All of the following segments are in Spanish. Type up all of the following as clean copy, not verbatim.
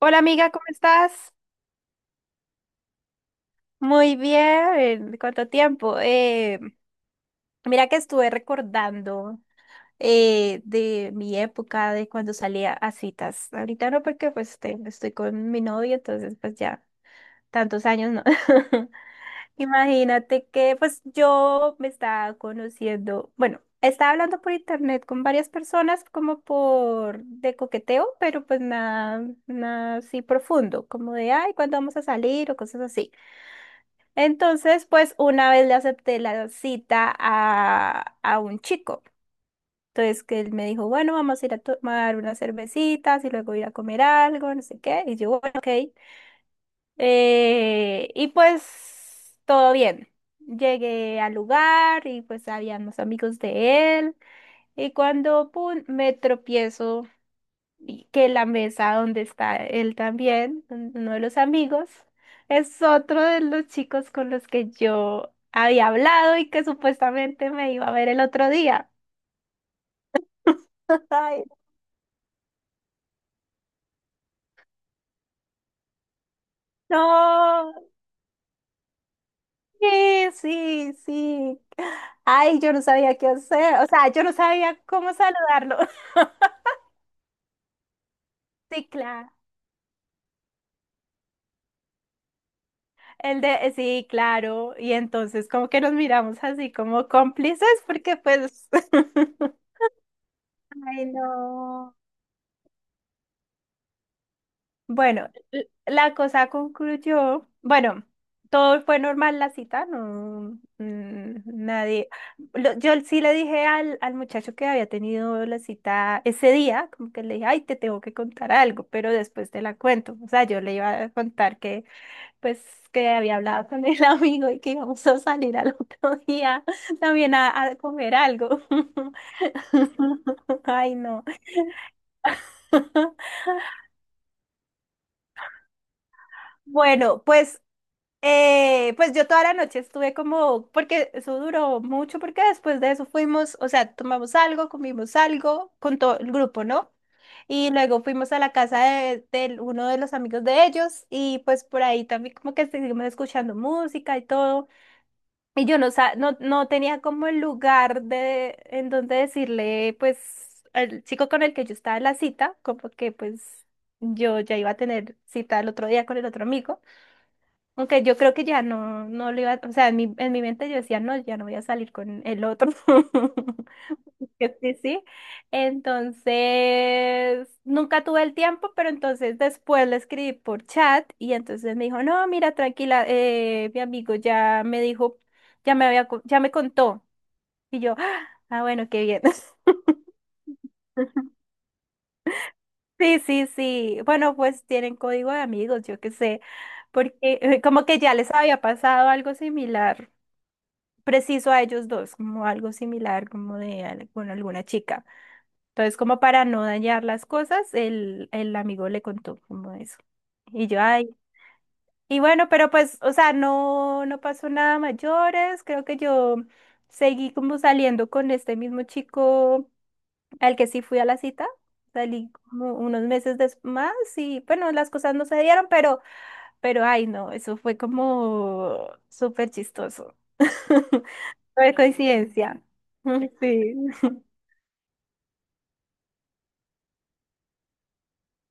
Hola amiga, ¿cómo estás? Muy bien, ¿cuánto tiempo? Mira que estuve recordando de mi época, de cuando salía a citas. Ahorita no porque pues estoy con mi novio, entonces pues ya tantos años no. Imagínate que pues yo me estaba conociendo, bueno, estaba hablando por internet con varias personas como por de coqueteo, pero pues nada, nada así profundo, como de, ay, ¿cuándo vamos a salir? O cosas así. Entonces, pues una vez le acepté la cita a un chico. Entonces, que él me dijo, bueno, vamos a ir a tomar unas cervecitas y luego ir a comer algo, no sé qué. Y yo, bueno, ok. Y pues todo bien. Llegué al lugar y pues habían los amigos de él. Y cuando pum, me tropiezo y que la mesa donde está él también, uno de los amigos, es otro de los chicos con los que yo había hablado y que supuestamente me iba a ver el otro día. Ay, no, sí, sí, sí. Ay, yo no sabía qué hacer, o sea, yo no sabía cómo saludarlo. Sí, claro. El de, sí, claro. Y entonces como que nos miramos así como cómplices porque pues Ay, no. Bueno, la cosa concluyó, bueno, todo fue normal la cita, no, nadie, yo sí le dije al muchacho que había tenido la cita ese día, como que le dije, ay, te tengo que contar algo, pero después te la cuento, o sea, yo le iba a contar que, pues, que había hablado con el amigo y que íbamos a salir al otro día también a comer algo. Ay, no. Bueno, pues yo toda la noche estuve como, porque eso duró mucho, porque después de eso fuimos, o sea, tomamos algo, comimos algo con todo el grupo, ¿no? Y luego fuimos a la casa de uno de los amigos de ellos y pues por ahí también como que seguimos escuchando música y todo. Y yo no, no, no tenía como el lugar de en donde decirle pues al chico con el que yo estaba en la cita, como que pues yo ya iba a tener cita el otro día con el otro amigo. Aunque yo creo que ya no, no le iba, o sea, en mi mente yo decía, no, ya no voy a salir con el otro. Que sí, sí. Entonces, nunca tuve el tiempo, pero entonces después le escribí por chat y entonces me dijo, no, mira, tranquila, mi amigo ya me dijo, ya me había, ya me contó. Y yo, ah, ah, bueno, qué bien. Sí, sí, sí. Bueno, pues tienen código de amigos, yo qué sé, porque como que ya les había pasado algo similar. Preciso a ellos dos, como algo similar, como de con alguna chica. Entonces, como para no dañar las cosas, el amigo le contó como eso. Y yo, ay, y bueno, pero pues, o sea, no, no pasó nada mayores, creo que yo seguí como saliendo con este mismo chico al que sí fui a la cita. Salí como unos meses después más y bueno, las cosas no se dieron, pero ay, no, eso fue como súper chistoso. No es coincidencia. Sí.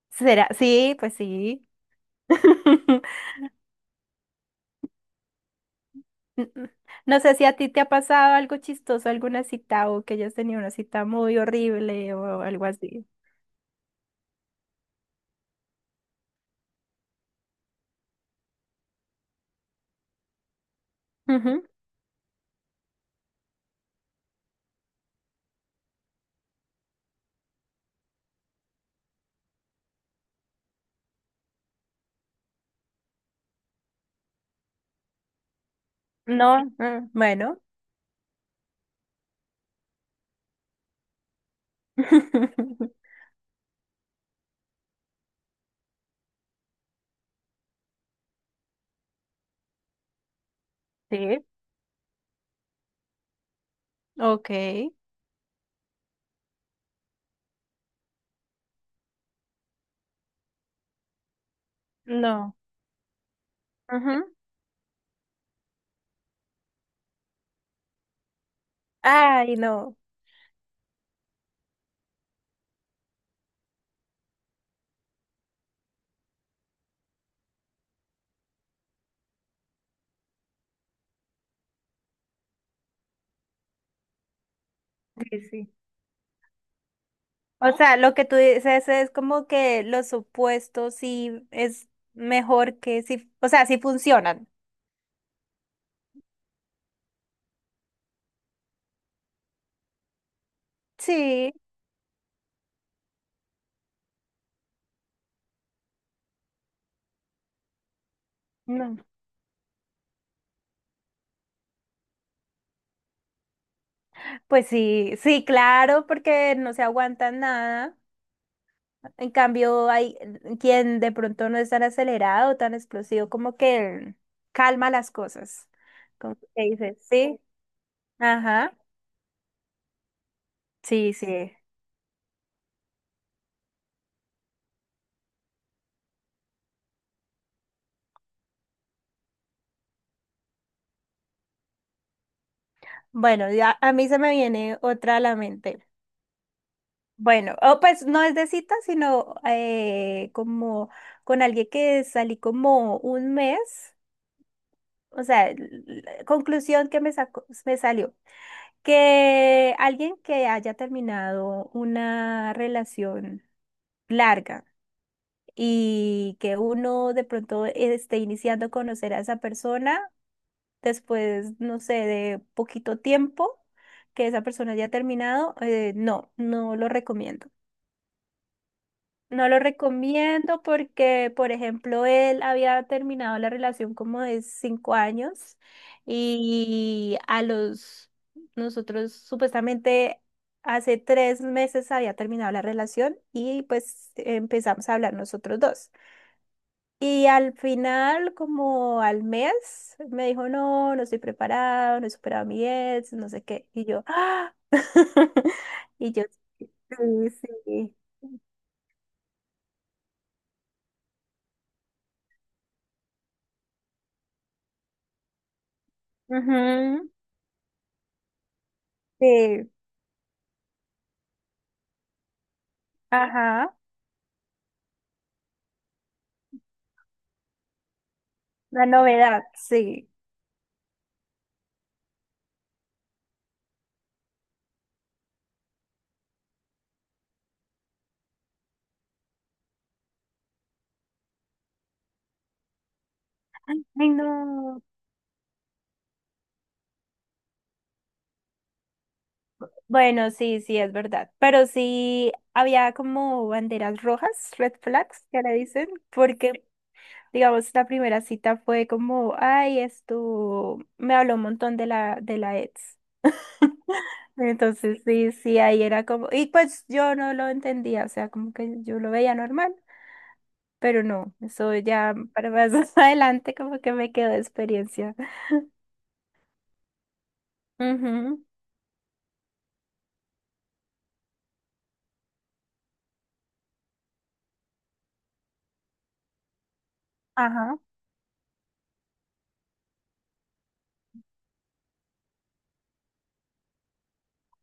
¿Será? Sí, pues sí. N- No sé si a ti te ha pasado algo chistoso, alguna cita o que hayas tenido una cita muy horrible o algo así. Ujú. No, bueno. Sí, ok. No. Ujú. Ay, no. Sí, sí. O sea, lo que tú dices es como que los opuestos sí es mejor que si, o sea, sí funcionan. Sí. No. Pues sí, sí, claro, porque no se aguantan nada. En cambio, hay quien de pronto no es tan acelerado, tan explosivo, como que calma las cosas. Como que dices, sí, ajá, sí, sí. Bueno, ya a mí se me viene otra a la mente. Bueno, o pues no es de cita, sino como con alguien que salí como un mes. O sea, conclusión que me sacó, me salió. Que alguien que haya terminado una relación larga y que uno de pronto esté iniciando a conocer a esa persona después, no sé, de poquito tiempo que esa persona haya terminado, no, no lo recomiendo. No lo recomiendo porque, por ejemplo, él había terminado la relación como de 5 años y a los, nosotros supuestamente hace 3 meses había terminado la relación y pues empezamos a hablar nosotros dos. Y al final, como al mes, me dijo, no, no estoy preparado, no he superado a mi ex, no sé qué. Y yo, ¡ah! Y yo, sí, sí. Ujú, sí. Ajá, la novedad, sí. Ay, no. Bueno, sí, sí, es verdad. Pero sí había como banderas rojas, red flags, que le dicen, porque, digamos, la primera cita fue como, ay, esto, me habló un montón de la ex. Entonces, sí, sí, ahí era como, y pues yo no lo entendía, o sea, como que yo lo veía normal, pero no, eso ya para más adelante como que me quedó de experiencia. Ujú, ajá.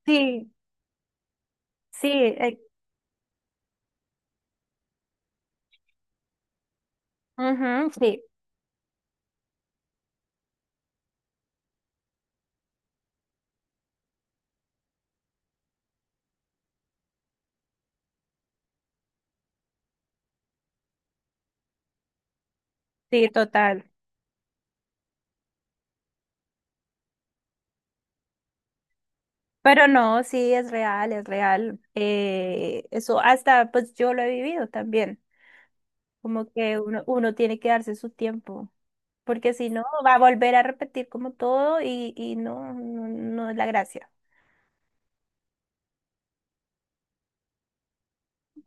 Sí, sí, ujú, sí, sí, total. Pero no, sí, es real, es real. Eso hasta, pues yo lo he vivido también, como que uno tiene que darse su tiempo, porque si no, va a volver a repetir como todo y no, no, no es la gracia.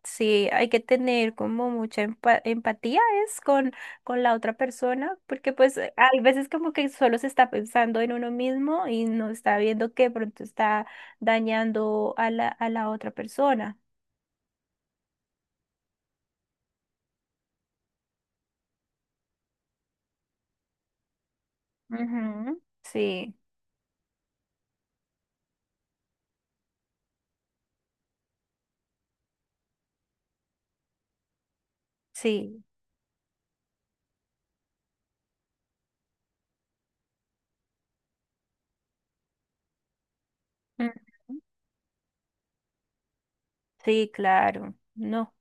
Sí, hay que tener como mucha empatía es con la otra persona, porque pues hay veces como que solo se está pensando en uno mismo y no está viendo que pronto está dañando a la otra persona. Ujú, sí, sí. Ujú, sí, claro. No.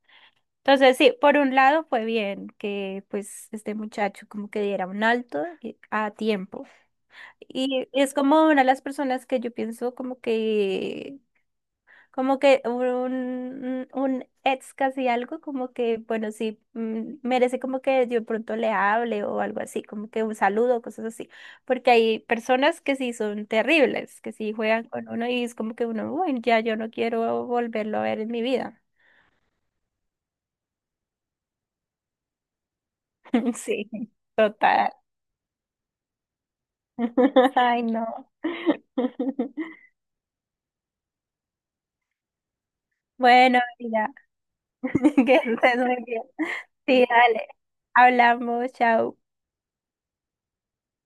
Entonces, sí, por un lado fue bien que pues este muchacho como que diera un alto a tiempo. Y es como una de las personas que yo pienso como que un ex casi algo, como que, bueno, sí, merece como que yo de pronto le hable o algo así, como que un saludo, cosas así. Porque hay personas que sí son terribles, que sí juegan con uno y es como que uno, bueno, ya yo no quiero volverlo a ver en mi vida. Sí, total. Ay, no. Bueno, mira, que estés muy bien. Sí, dale. Hablamos, chao.